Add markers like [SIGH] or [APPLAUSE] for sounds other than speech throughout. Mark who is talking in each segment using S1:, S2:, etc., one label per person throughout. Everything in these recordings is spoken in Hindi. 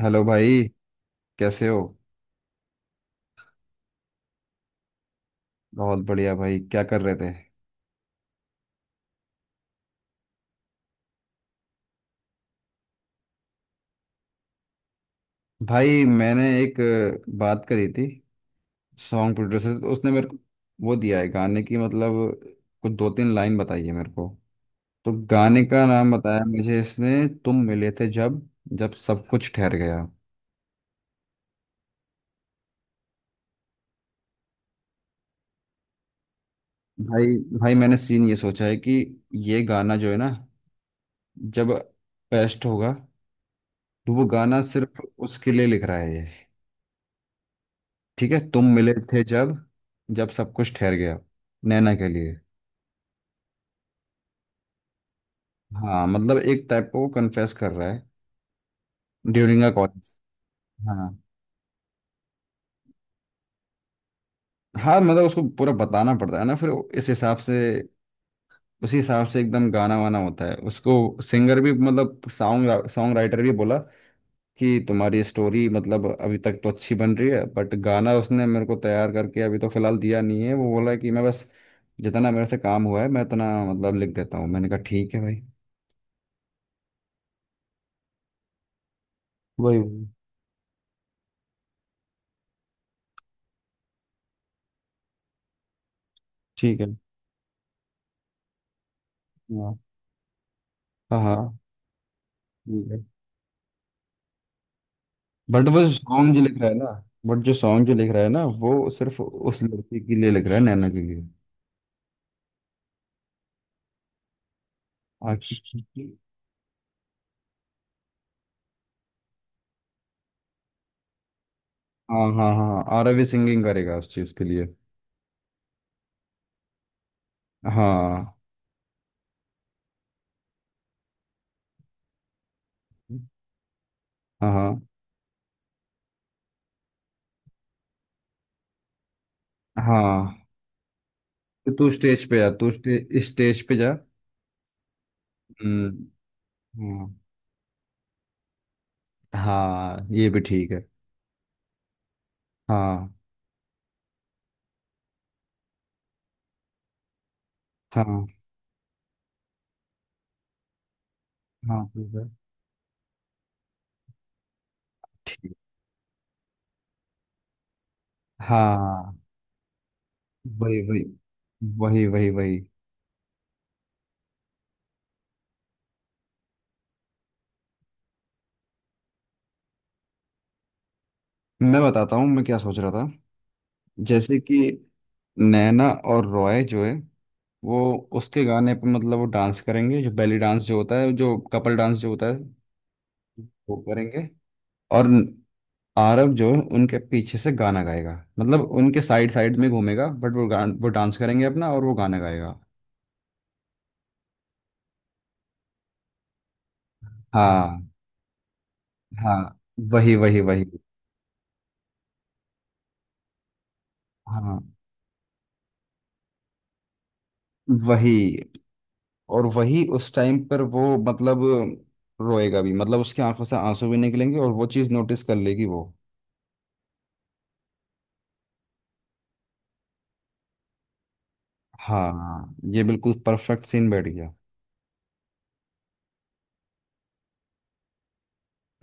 S1: हेलो भाई। कैसे हो? बहुत बढ़िया भाई, क्या कर रहे थे? भाई मैंने एक बात करी थी सॉन्ग प्रोड्यूसर से, तो उसने मेरे को वो दिया है गाने की मतलब कुछ दो तीन लाइन बताई है मेरे को। तो गाने का नाम बताया मुझे इसने, तुम मिले थे जब, जब सब कुछ ठहर गया। भाई भाई, मैंने सीन ये सोचा है कि ये गाना जो है ना, जब पेस्ट होगा तो वो गाना सिर्फ उसके लिए लिख रहा है ये। ठीक है, तुम मिले थे जब जब सब कुछ ठहर गया, नैना के लिए। हाँ मतलब एक टाइप का वो कन्फेस कर रहा है ड्यूरिंग अ कॉलेज। हाँ। हाँ मतलब उसको पूरा बताना पड़ता है ना फिर, इस हिसाब से उसी हिसाब से एकदम गाना वाना होता है उसको। सिंगर भी मतलब सॉन्ग सॉन्ग राइटर भी बोला कि तुम्हारी स्टोरी मतलब अभी तक तो अच्छी बन रही है बट गाना उसने मेरे को तैयार करके अभी तो फिलहाल दिया नहीं है। वो बोला कि मैं बस जितना मेरे से काम हुआ है मैं इतना मतलब लिख देता हूँ। मैंने कहा ठीक है भाई। वही वही। ठीक है। हाँ हाँ हाँ। बट वो सॉन्ग जो लिख रहा है ना बट जो सॉन्ग जो लिख रहा है ना वो सिर्फ उस लड़की के लिए लिख रहा है, नैना के लिए। आखिर। हाँ हाँ हाँ, आर रवि सिंगिंग करेगा उस चीज के लिए। हाँ हाँ हाँ हाँ। तो तू स्टेज पे जा, स्टेज पे जा। हम्म। हाँ हाँ ये भी ठीक है। हाँ हाँ हाँ। ठीक है। ठीक। हाँ। वही वही वही, वही वही। मैं बताता हूँ मैं क्या सोच रहा था। जैसे कि नैना और रॉय जो है, वो उसके गाने पे मतलब वो डांस करेंगे, जो बेली डांस जो होता है, जो कपल डांस जो होता है, वो करेंगे। और आरव जो है उनके पीछे से गाना गाएगा, मतलब उनके साइड साइड में घूमेगा बट वो डांस करेंगे अपना और वो गाना गाएगा। हाँ हाँ, वही वही वही। हाँ वही। और वही उस टाइम पर वो मतलब रोएगा भी, मतलब उसकी आंखों से आंसू भी निकलेंगे और वो चीज़ नोटिस कर लेगी वो। हाँ ये बिल्कुल परफेक्ट सीन बैठ गया।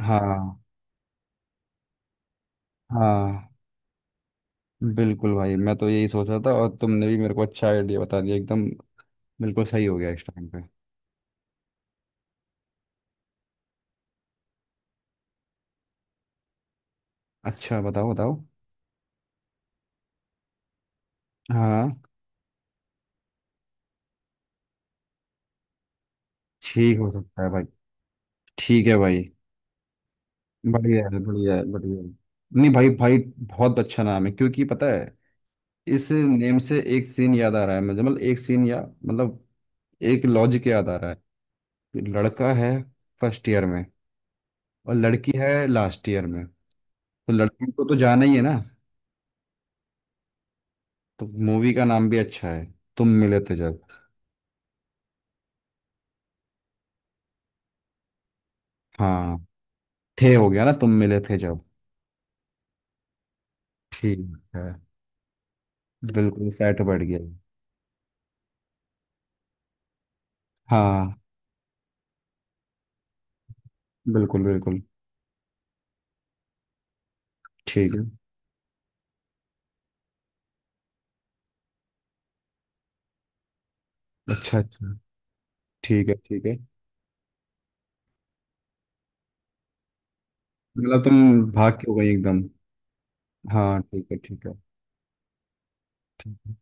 S1: हाँ हाँ। बिल्कुल भाई, मैं तो यही सोचा था और तुमने भी मेरे को अच्छा आइडिया बता दिया एकदम। बिल्कुल सही हो गया इस टाइम पे। अच्छा बताओ बताओ। हाँ। ठीक हो सकता है भाई। ठीक है भाई। बढ़िया है बढ़िया है बढ़िया है। नहीं भाई भाई बहुत अच्छा नाम है, क्योंकि पता है, इस नेम से एक सीन याद आ रहा है मुझे, मतलब एक सीन, या मतलब एक लॉजिक याद आ रहा है। लड़का है फर्स्ट ईयर में, और लड़की है लास्ट ईयर में, तो लड़की को तो जाना ही है ना। तो मूवी का नाम भी अच्छा है, तुम मिले थे जब। हाँ। थे हो गया ना, तुम मिले थे जब। ठीक है। बिल्कुल सेट बैठ गया। हाँ। बिल्कुल बिल्कुल। ठीक है। अच्छा अच्छा। ठीक है ठीक है। मतलब तुम भाग के हो गई एकदम। हाँ ठीक है ठीक है। ठीक है।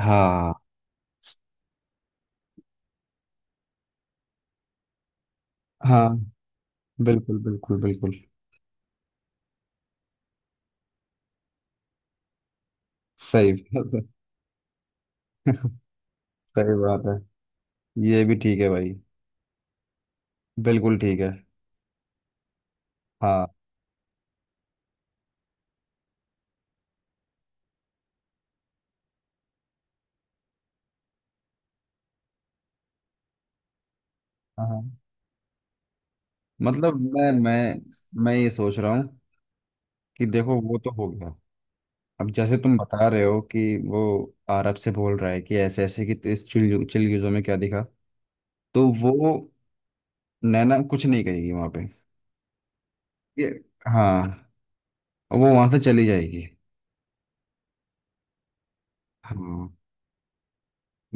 S1: हाँ हाँ। बिल्कुल बिल्कुल बिल्कुल। सही बात है। सही बात है, ये भी ठीक है भाई, बिल्कुल ठीक है। हाँ। हाँ हाँ। मतलब मैं ये सोच रहा हूँ कि देखो वो तो हो गया। अब जैसे तुम बता रहे हो कि वो अरब से बोल रहा है कि ऐसे ऐसे, कि तो इस चिलगुजों में क्या दिखा, तो वो नैना कुछ नहीं कहेगी वहां पे ये। हाँ। वो वहां से चली जाएगी। हाँ।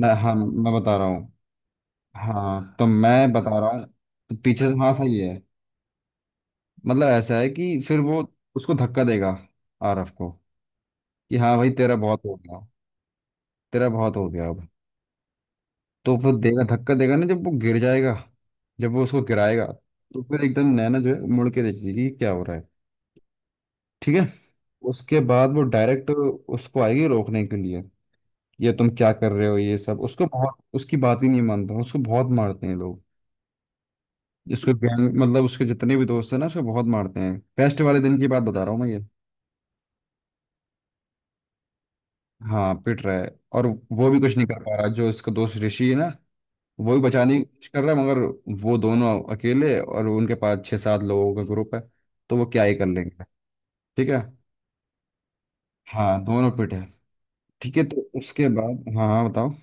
S1: मैं हाँ, मैं बता रहा हूँ। हाँ तो मैं बता रहा हूँ, तो पीछे से हाँ सही है। मतलब ऐसा है कि फिर वो उसको धक्का देगा, आरफ को, कि हाँ भाई तेरा बहुत हो गया, तेरा बहुत हो गया अब। तो फिर देगा, धक्का देगा ना, जब वो गिर जाएगा, जब वो उसको गिराएगा, तो फिर एकदम नैना जो है मुड़ के देखेगी कि क्या हो रहा है। ठीक है। उसके बाद वो डायरेक्ट उसको आएगी रोकने के लिए। ये तुम क्या कर रहे हो ये सब, उसको बहुत, उसकी बात ही नहीं मानता, उसको बहुत मारते हैं लोग, जिसको गैंग मतलब उसके जितने भी दोस्त हैं ना उसको बहुत मारते हैं। फेस्ट वाले दिन की बात बता रहा हूँ मैं ये। हाँ पिट रहा है। और वो भी कुछ नहीं कर पा रहा, जो उसका दोस्त ऋषि है ना, वो भी बचाने की कोशिश कर रहा है, मगर वो दोनों अकेले और उनके पास छः सात लोगों का ग्रुप है, तो वो क्या ही कर लेंगे। ठीक है। हाँ दोनों पिट है। ठीक है, तो उसके बाद हाँ हाँ बताओ।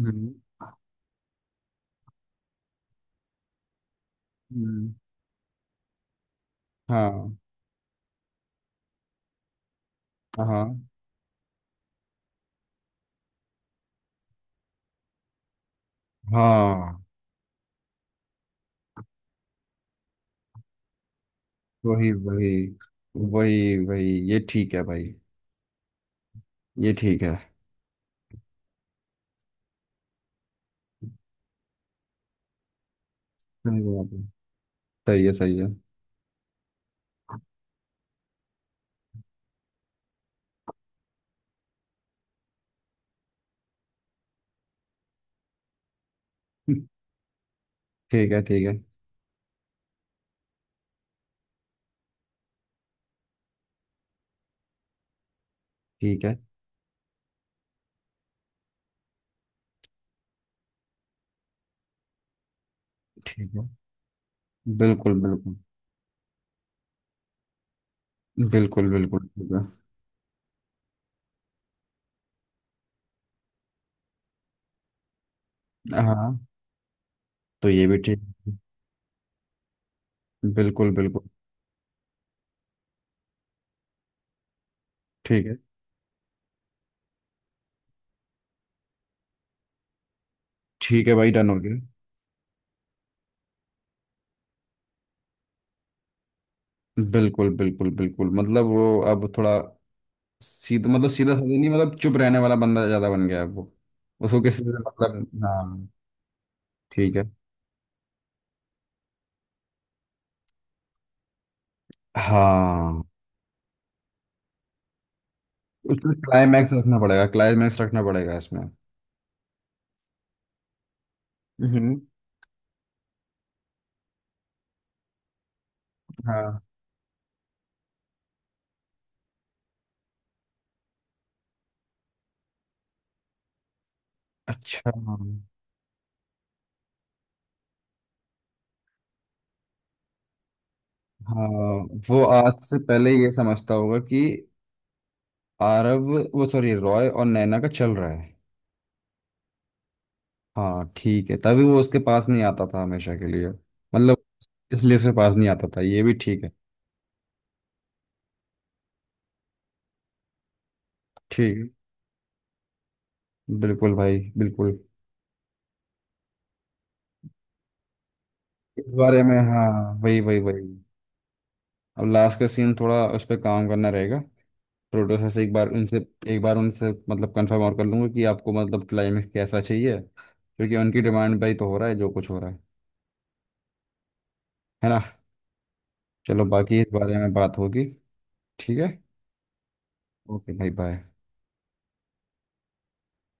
S1: हम्म, हम्म, हाँ हाँ हाँ। वही वही वही वही, ये ठीक है भाई। ये ठीक है। सही बात है। सही है सही है। [LAUGHS] ठीक है ठीक है। ठीक है ठीक है। बिल्कुल बिल्कुल। बिल्कुल बिल्कुल ठीक है। हाँ तो ये भी ठीक है। बिल्कुल बिल्कुल। ठीक है। ठीक है भाई डन हो गया। बिल्कुल बिल्कुल बिल्कुल, मतलब वो अब थोड़ा सीधा, मतलब सीधा साधा नहीं, मतलब चुप रहने वाला बंदा ज्यादा बन गया है वो। उसको किसी से मतलब हाँ। ठीक है। हाँ उसमें क्लाइमैक्स रखना पड़ेगा, क्लाइमैक्स रखना पड़ेगा इसमें। हम्म। हाँ। अच्छा। हाँ वो आज से पहले ये समझता होगा कि आरव, वो सॉरी, रॉय और नैना का चल रहा है। हाँ ठीक है, तभी वो उसके पास नहीं आता था हमेशा के लिए, मतलब इसलिए से पास नहीं आता था, ये भी ठीक है। ठीक है। बिल्कुल भाई बिल्कुल। इस बारे में हाँ, वही वही वही। अब लास्ट का सीन थोड़ा उस पर काम करना रहेगा, प्रोड्यूसर से एक बार उनसे, एक बार उनसे मतलब कंफर्म और कर लूंगा कि आपको मतलब क्लाइमेक्स कैसा चाहिए, क्योंकि उनकी डिमांड भाई, तो हो रहा है जो कुछ हो रहा है। है ना। चलो बाकी इस बारे में बात होगी। ठीक है। ओके भाई बाय।